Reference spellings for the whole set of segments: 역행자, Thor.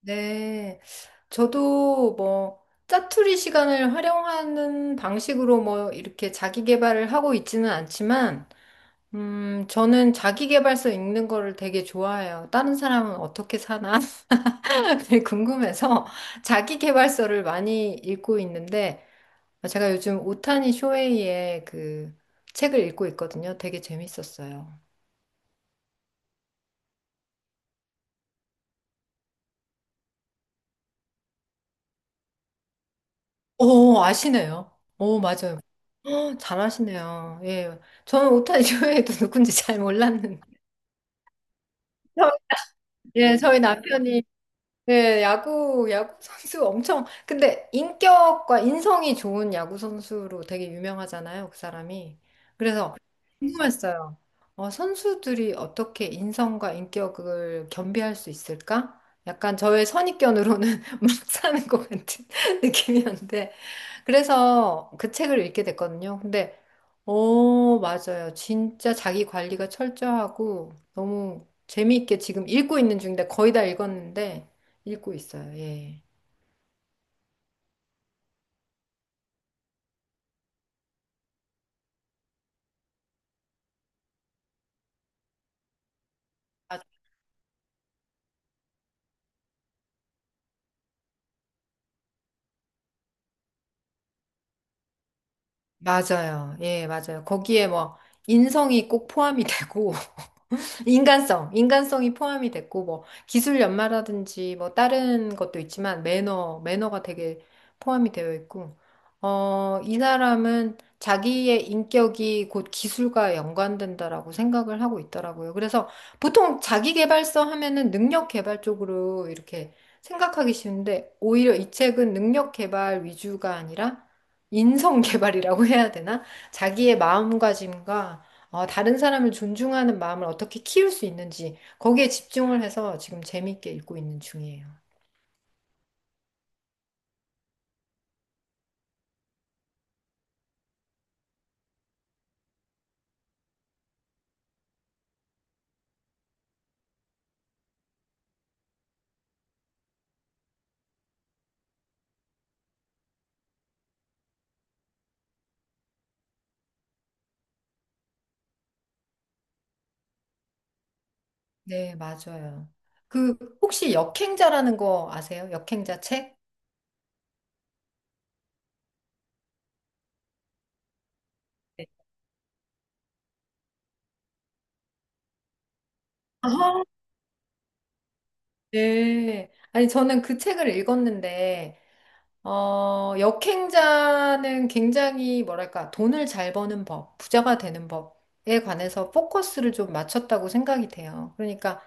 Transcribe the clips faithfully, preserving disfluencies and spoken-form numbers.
네. 저도 뭐 짜투리 시간을 활용하는 방식으로 뭐 이렇게 자기 개발을 하고 있지는 않지만, 음, 저는 자기 개발서 읽는 거를 되게 좋아해요. 다른 사람은 어떻게 사나? 되게 궁금해서 자기 개발서를 많이 읽고 있는데, 제가 요즘 오타니 쇼헤이의 그 책을 읽고 있거든요. 되게 재밌었어요. 오, 아시네요. 오, 맞아요. 헉, 잘하시네요. 예. 저는 오타니 쇼헤이도 누군지 잘 몰랐는데. 저- 예, 저희 남편이 예, 야구 야구 선수 엄청 근데 인격과 인성이 좋은 야구 선수로 되게 유명하잖아요, 그 사람이. 그래서 궁금했어요. 어, 선수들이 어떻게 인성과 인격을 겸비할 수 있을까? 약간 저의 선입견으로는 막 사는 것 같은 느낌이었는데 그래서 그 책을 읽게 됐거든요. 근데, 어, 맞아요. 진짜 자기 관리가 철저하고 너무 재미있게 지금 읽고 있는 중인데 거의 다 읽었는데 읽고 있어요. 예. 아, 맞아요. 예, 맞아요. 거기에 뭐 인성이 꼭 포함이 되고 인간성, 인간성이 포함이 됐고, 뭐, 기술 연마라든지, 뭐, 다른 것도 있지만, 매너, 매너가 되게 포함이 되어 있고, 어, 이 사람은 자기의 인격이 곧 기술과 연관된다라고 생각을 하고 있더라고요. 그래서 보통 자기 개발서 하면은 능력 개발 쪽으로 이렇게 생각하기 쉬운데, 오히려 이 책은 능력 개발 위주가 아니라 인성 개발이라고 해야 되나? 자기의 마음가짐과 어, 다른 사람을 존중하는 마음을 어떻게 키울 수 있는지 거기에 집중을 해서 지금 재밌게 읽고 있는 중이에요. 네, 맞아요. 그 혹시 역행자라는 거 아세요? 역행자 책? 네. 아하. 네. 아니 저는 그 책을 읽었는데 어, 역행자는 굉장히 뭐랄까, 돈을 잘 버는 법, 부자가 되는 법에 관해서 포커스를 좀 맞췄다고 생각이 돼요. 그러니까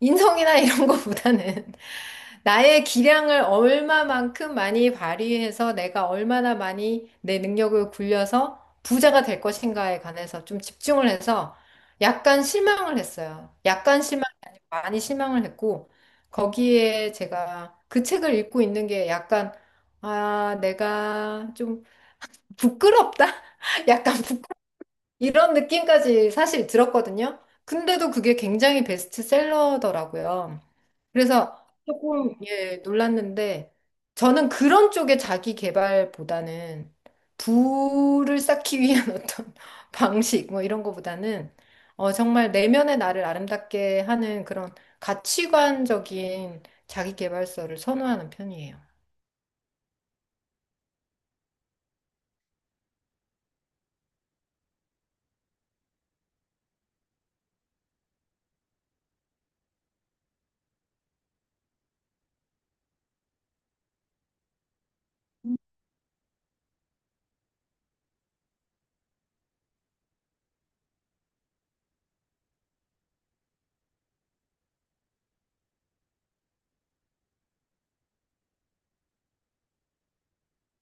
인성이나 이런 것보다는 나의 기량을 얼마만큼 많이 발휘해서 내가 얼마나 많이 내 능력을 굴려서 부자가 될 것인가에 관해서 좀 집중을 해서 약간 실망을 했어요. 약간 실망이 아니고 많이 실망을 했고 거기에 제가 그 책을 읽고 있는 게 약간 아, 내가 좀 부끄럽다? 약간 부끄 이런 느낌까지 사실 들었거든요. 근데도 그게 굉장히 베스트셀러더라고요. 그래서 조금, 예, 놀랐는데, 저는 그런 쪽의 자기 개발보다는 부를 쌓기 위한 어떤 방식, 뭐 이런 거보다는, 어, 정말 내면의 나를 아름답게 하는 그런 가치관적인 자기 개발서를 선호하는 편이에요.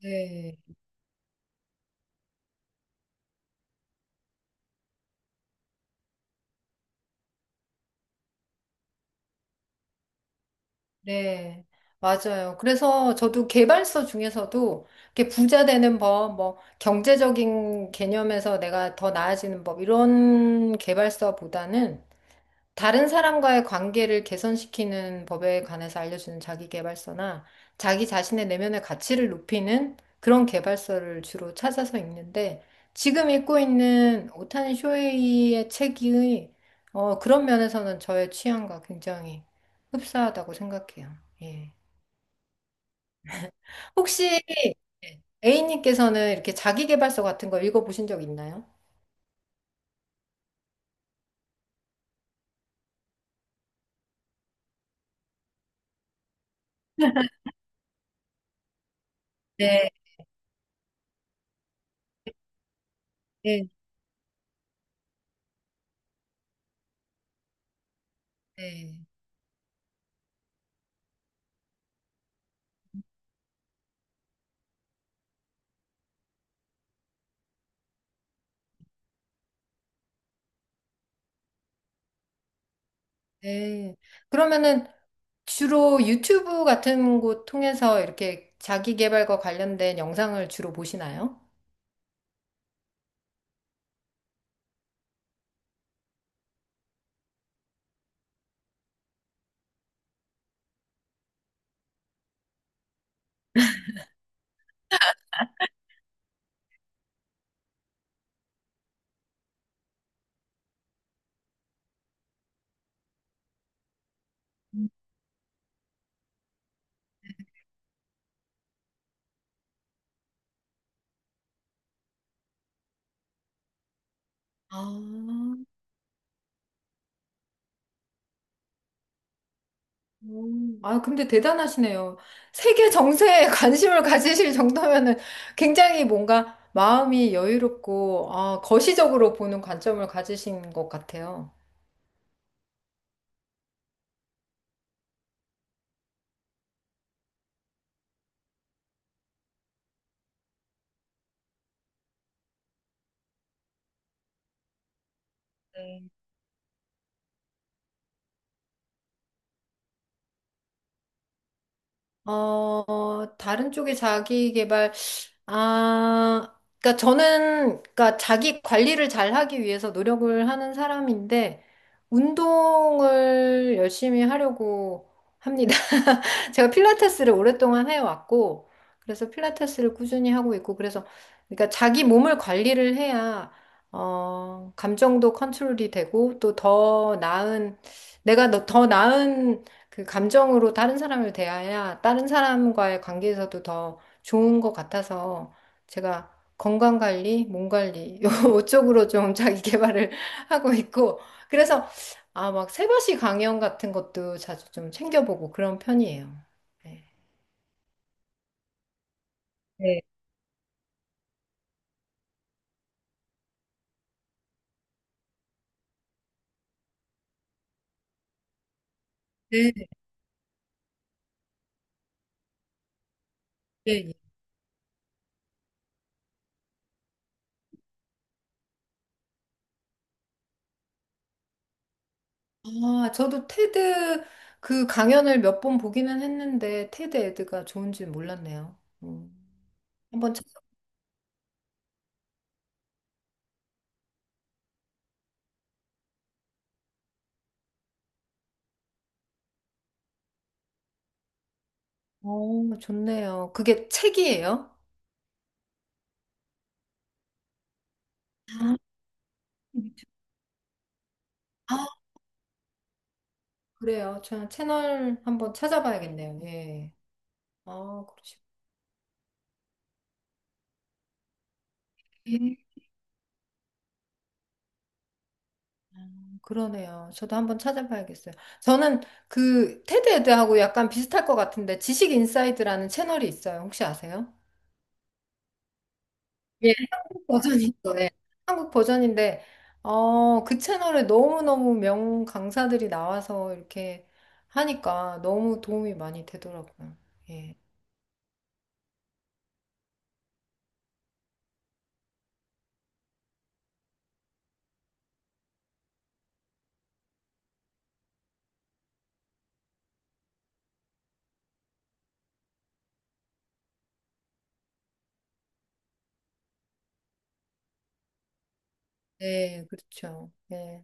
네. 네, 맞아요. 그래서 저도 개발서 중에서도 이렇게 부자 되는 법, 뭐 경제적인 개념에서 내가 더 나아지는 법 이런 개발서보다는 다른 사람과의 관계를 개선시키는 법에 관해서 알려주는 자기계발서나 자기 자신의 내면의 가치를 높이는 그런 계발서를 주로 찾아서 읽는데 지금 읽고 있는 오타니 쇼헤이의 책이 어, 그런 면에서는 저의 취향과 굉장히 흡사하다고 생각해요. 예. 혹시 예, A님께서는 이렇게 자기계발서 같은 거 읽어보신 적 있나요? 네, 네, 네. 네. 그러면은 주로 유튜브 같은 곳 통해서 이렇게 자기 개발과 관련된 영상을 주로 보시나요? 아, 음. 아, 근데 대단하시네요. 세계 정세에 관심을 가지실 정도면은 굉장히 뭔가 마음이 여유롭고, 아, 거시적으로 보는 관점을 가지신 것 같아요. 어, 다른 쪽의 자기 개발, 아, 그러니까 저는, 그러니까 자기 관리를 잘 하기 위해서 노력을 하는 사람인데, 운동을 열심히 하려고 합니다. 제가 필라테스를 오랫동안 해왔고, 그래서 필라테스를 꾸준히 하고 있고, 그래서, 그러니까 자기 몸을 관리를 해야, 어, 감정도 컨트롤이 되고, 또 더 나은, 내가 너- 더 나은 그 감정으로 다른 사람을 대해야 다른 사람과의 관계에서도 더 좋은 것 같아서, 제가 건강 관리, 몸 관리, 요 쪽으로 좀 자기 개발을 하고 있고, 그래서 아, 막 새벽시 강연 같은 것도 자주 좀 챙겨보고 그런 편이에요. 네. 네. 네, 예, 예. 아, 저도 테드 그 강연을 몇 번 보기는 했는데 테드 에드가 좋은 줄 몰랐네요. 음. 한번 찾아. 오, 좋네요. 그게 책이에요? 아, 아, 그래요. 저 채널 한번 찾아봐야겠네요. 예. 아, 그러시. 예, 그러네요. 저도 한번 찾아봐야겠어요. 저는 그 테드 에드하고 약간 비슷할 것 같은데 지식 인사이드라는 채널이 있어요. 혹시 아세요? 버전인 거예요. 한국 버전인데, 어, 그 채널에 너무너무 명 강사들이 나와서 이렇게 하니까 너무 도움이 많이 되더라고요. 예. 네, 그렇죠. 예.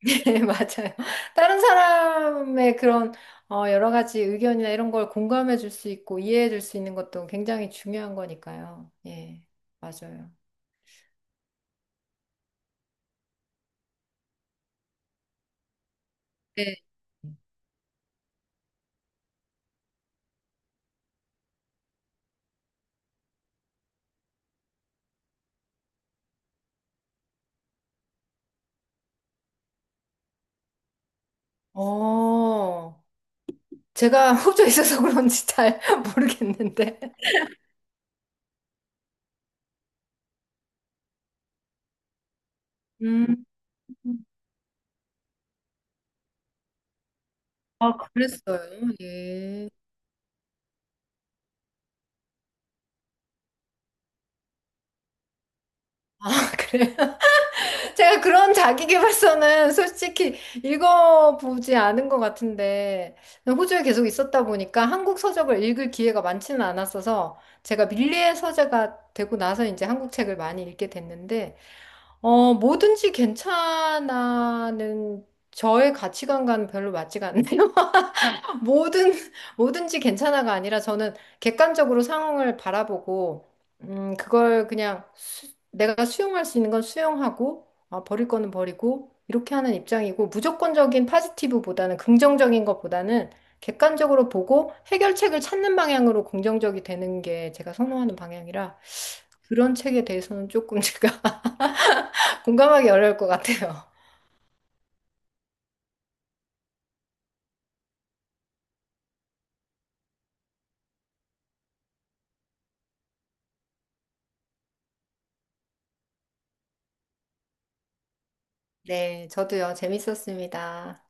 네, 맞아요. 다른 사람의 그런 어, 여러 가지 의견이나 이런 걸 공감해 줄 수 있고 이해해 줄 수 있는 것도 굉장히 중요한 거니까요. 예, 맞아요. 네. 어, 제가 호주에 있어서 그런지 잘 모르겠는데. 음. 아, 그- 랬어요 예. 아, 그래요? 제가 그런 자기계발서는 솔직히 읽어보지 않은 것 같은데, 호주에 계속 있었다 보니까 한국 서적을 읽을 기회가 많지는 않았어서, 제가 밀리의 서재가 되고 나서 이제 한국 책을 많이 읽게 됐는데, 어, 뭐든지 괜찮아는 저의 가치관과는 별로 맞지가 않네요. 뭐든, 뭐든지 괜찮아가 아니라 저는 객관적으로 상황을 바라보고, 음, 그걸 그냥 내가 수용할 수 있는 건 수용하고, 아, 버릴 거는 버리고, 이렇게 하는 입장이고, 무조건적인 파지티브보다는 긍정적인 것보다는 객관적으로 보고 해결책을 찾는 방향으로 긍정적이 되는 게 제가 선호하는 방향이라 그런 책에 대해서는 조금 제가 공감하기 어려울 것 같아요. 네, 저도요, 재밌었습니다.